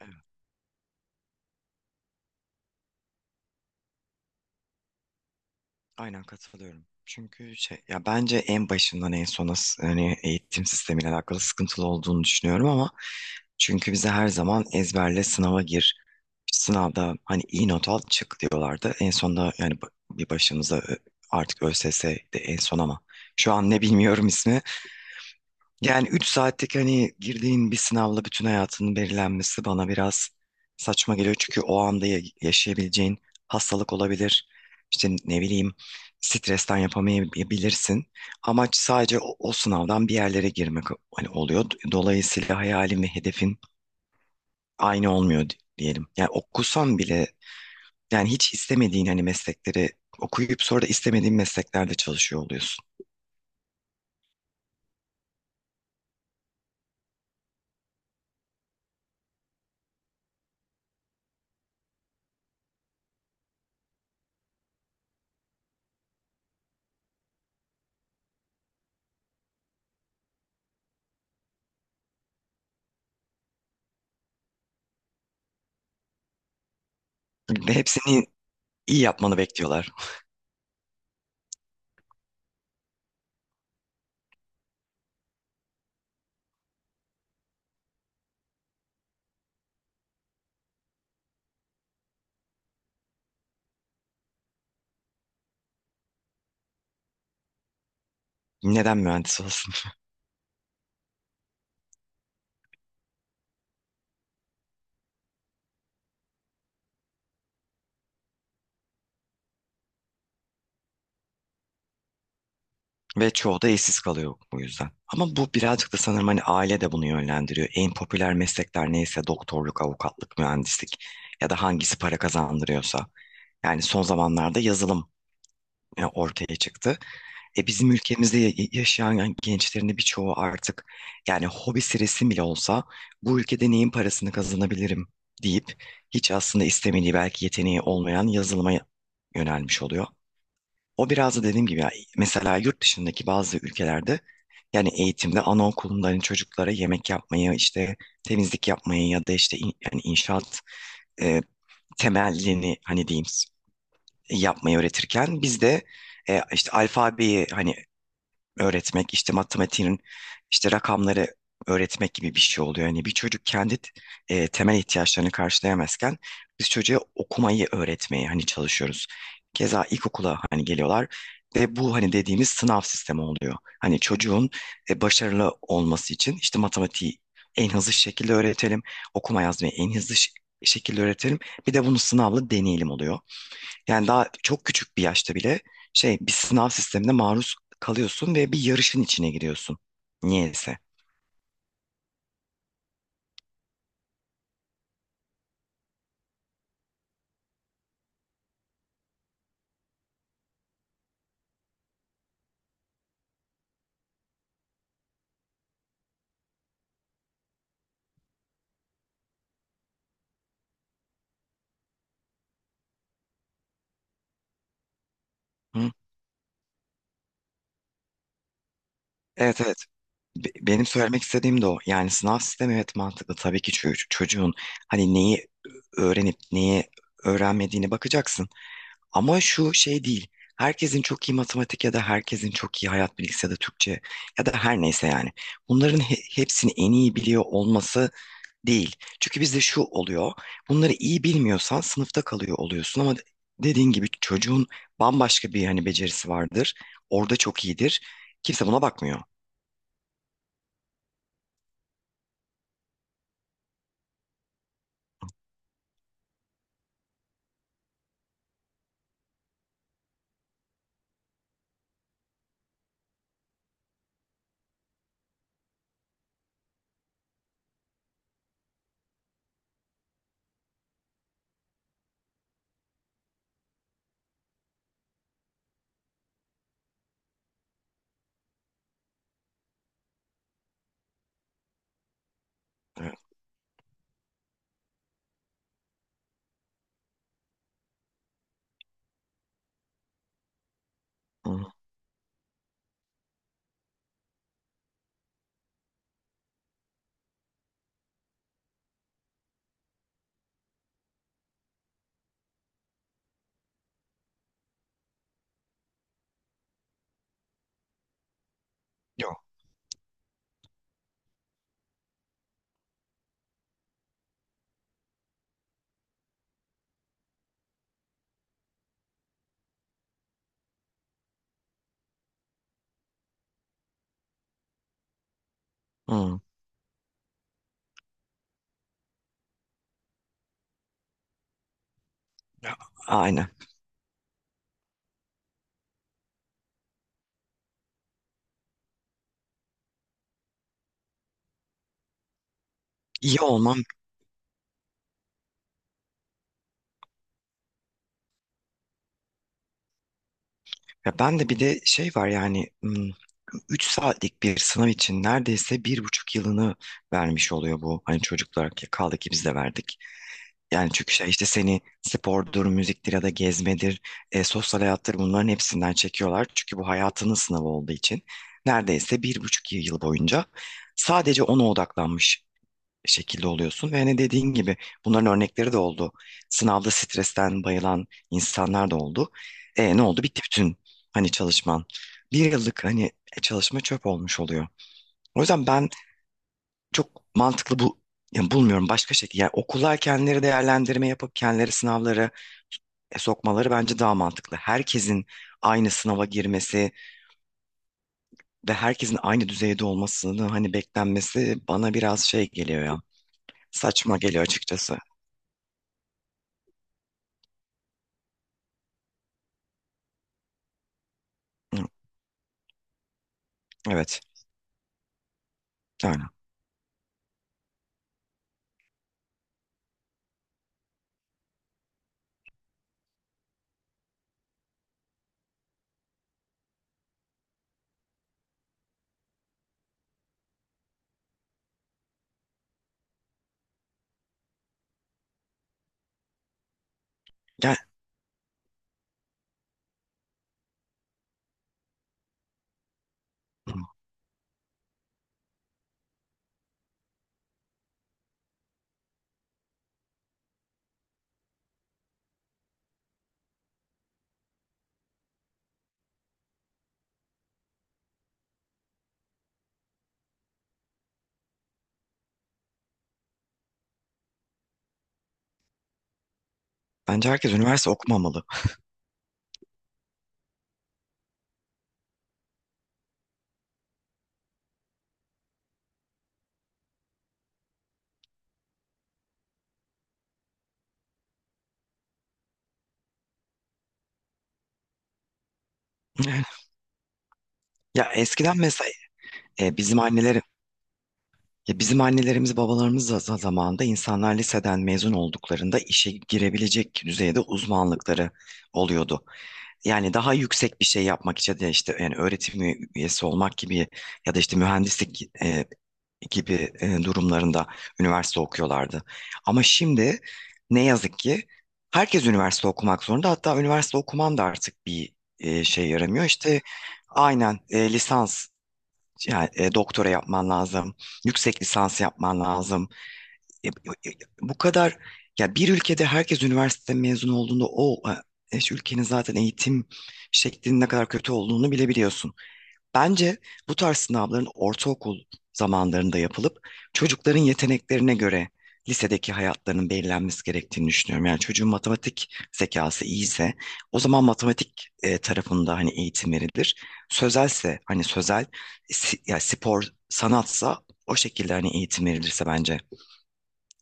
Evet, aynen katılıyorum. Çünkü bence en başından en sona hani eğitim sistemiyle alakalı sıkıntılı olduğunu düşünüyorum ama çünkü bize her zaman ezberle sınava gir. Sınavda hani iyi not al çık diyorlardı. En sonunda yani bir başımıza artık ÖSS de en son ama şu an ne bilmiyorum ismi. Yani 3 saatlik hani girdiğin bir sınavla bütün hayatının belirlenmesi bana biraz saçma geliyor. Çünkü o anda yaşayabileceğin hastalık olabilir. İşte ne bileyim stresten yapamayabilirsin. Amaç sadece o sınavdan bir yerlere girmek hani oluyor. Dolayısıyla hayalin ve hedefin aynı olmuyor diyelim. Yani okusan bile yani hiç istemediğin hani meslekleri okuyup sonra da istemediğin mesleklerde çalışıyor oluyorsun. Ve hepsini iyi yapmanı bekliyorlar. Neden mühendis? Ve çoğu da işsiz kalıyor bu yüzden. Ama bu birazcık da sanırım hani aile de bunu yönlendiriyor. En popüler meslekler neyse doktorluk, avukatlık, mühendislik ya da hangisi para kazandırıyorsa. Yani son zamanlarda yazılım ortaya çıktı. E bizim ülkemizde yaşayan gençlerin de birçoğu artık yani hobisi resim bile olsa bu ülkede neyin parasını kazanabilirim deyip hiç aslında istemediği belki yeteneği olmayan yazılıma yönelmiş oluyor. O biraz da dediğim gibi ya, mesela yurt dışındaki bazı ülkelerde yani eğitimde anaokulunda hani çocuklara yemek yapmayı işte temizlik yapmayı ya da işte yani inşaat e, temelini hani diyeyim yapmayı öğretirken bizde işte alfabeyi hani öğretmek, işte matematiğin işte rakamları öğretmek gibi bir şey oluyor. Yani bir çocuk kendi temel ihtiyaçlarını karşılayamazken biz çocuğa okumayı öğretmeye hani çalışıyoruz. Keza ilkokula hani geliyorlar ve bu hani dediğimiz sınav sistemi oluyor. Hani çocuğun başarılı olması için işte matematiği en hızlı şekilde öğretelim, okuma yazmayı en hızlı şekilde öğretelim. Bir de bunu sınavla deneyelim oluyor. Yani daha çok küçük bir yaşta bile şey bir sınav sistemine maruz kalıyorsun ve bir yarışın içine giriyorsun. Niyeyse. Hı? Evet, evet. Benim söylemek istediğim de o. Yani sınav sistemi evet mantıklı. Tabii ki çocuğun hani neyi öğrenip neyi öğrenmediğine bakacaksın. Ama şu şey değil. Herkesin çok iyi matematik ya da herkesin çok iyi hayat bilgisi ya da Türkçe ya da her neyse yani. Bunların hepsini en iyi biliyor olması değil. Çünkü bizde şu oluyor. Bunları iyi bilmiyorsan sınıfta kalıyor oluyorsun ama dediğin gibi çocuğun bambaşka bir hani becerisi vardır. Orada çok iyidir. Kimse buna bakmıyor. Evet. Hı. Yok. Hı. Ya, aynen. İyi olmam. Ya ben de bir de şey var yani 3 saatlik bir sınav için neredeyse bir buçuk yılını vermiş oluyor bu. Hani çocuklar kaldı ki biz de verdik. Yani çünkü şey işte seni spordur, müziktir ya da gezmedir, sosyal hayattır bunların hepsinden çekiyorlar. Çünkü bu hayatının sınavı olduğu için neredeyse bir buçuk yıl boyunca sadece ona odaklanmış şekilde oluyorsun. Ve hani dediğin gibi bunların örnekleri de oldu. Sınavda stresten bayılan insanlar da oldu. E, ne oldu? Bitti bütün hani çalışman. Bir yıllık hani çalışma çöp olmuş oluyor. O yüzden ben çok mantıklı bu yani bulmuyorum başka şekilde. Yani okullar kendileri değerlendirme yapıp kendileri sınavları sokmaları bence daha mantıklı. Herkesin aynı sınava girmesi ve herkesin aynı düzeyde olmasını hani beklenmesi bana biraz şey geliyor ya. Saçma geliyor açıkçası. Hı, evet. Yani. Gel. Bence herkes üniversite okumamalı. Ya eskiden mesela bizim anneleri, ya bizim annelerimiz babalarımız da zamanında insanlar liseden mezun olduklarında işe girebilecek düzeyde uzmanlıkları oluyordu. Yani daha yüksek bir şey yapmak için de işte yani öğretim üyesi olmak gibi ya da işte mühendislik gibi durumlarında üniversite okuyorlardı. Ama şimdi ne yazık ki herkes üniversite okumak zorunda. Hatta üniversite okuman da artık bir şey yaramıyor. İşte aynen lisans yani doktora yapman lazım. Yüksek lisans yapman lazım e, e, e, e, bu kadar ya bir ülkede herkes üniversite mezunu olduğunda o şu ülkenin zaten eğitim şeklinin ne kadar kötü olduğunu bilebiliyorsun. Bence bu tarz sınavların ortaokul zamanlarında yapılıp çocukların yeteneklerine göre lisedeki hayatlarının belirlenmesi gerektiğini düşünüyorum. Yani çocuğun matematik zekası iyiyse o zaman matematik tarafında hani eğitim verilir. Sözelse hani sözel ya spor sanatsa o şekilde hani eğitim verilirse bence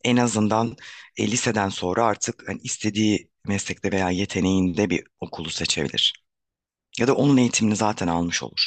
en azından liseden sonra artık hani istediği meslekte veya yeteneğinde bir okulu seçebilir. Ya da onun eğitimini zaten almış olur.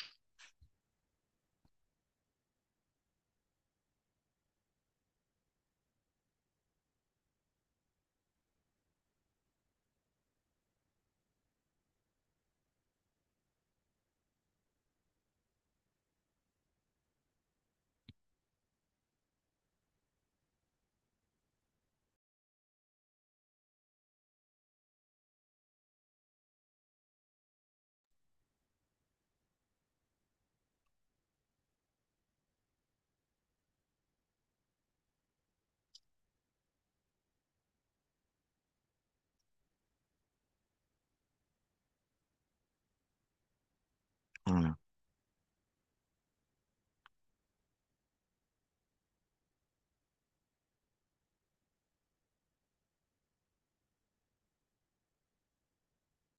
Hı.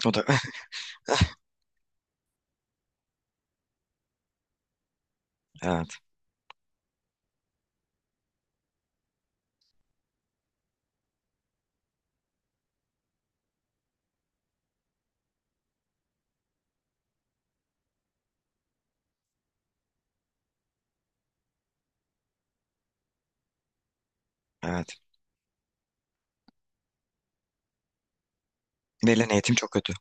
O da evet, evet. Verilen eğitim çok kötü.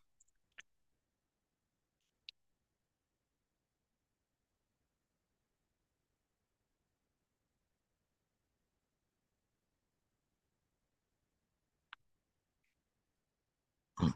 Hı.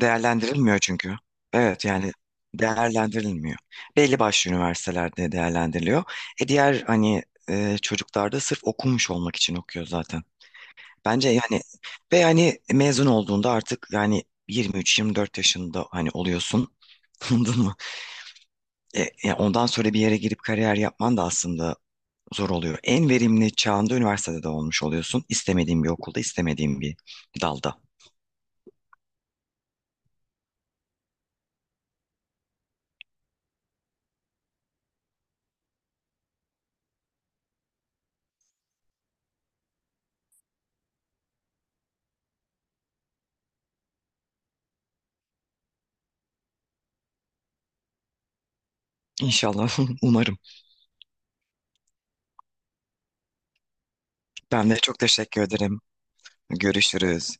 Değerlendirilmiyor çünkü. Evet yani değerlendirilmiyor. Belli başlı üniversitelerde değerlendiriliyor. E diğer hani çocuklar da sırf okumuş olmak için okuyor zaten. Bence yani ve yani mezun olduğunda artık yani 23-24 yaşında hani oluyorsun. Anladın mı? Ondan sonra bir yere girip kariyer yapman da aslında zor oluyor. En verimli çağında üniversitede de olmuş oluyorsun. İstemediğin bir okulda, istemediğin bir dalda. İnşallah, umarım. Ben de çok teşekkür ederim. Görüşürüz.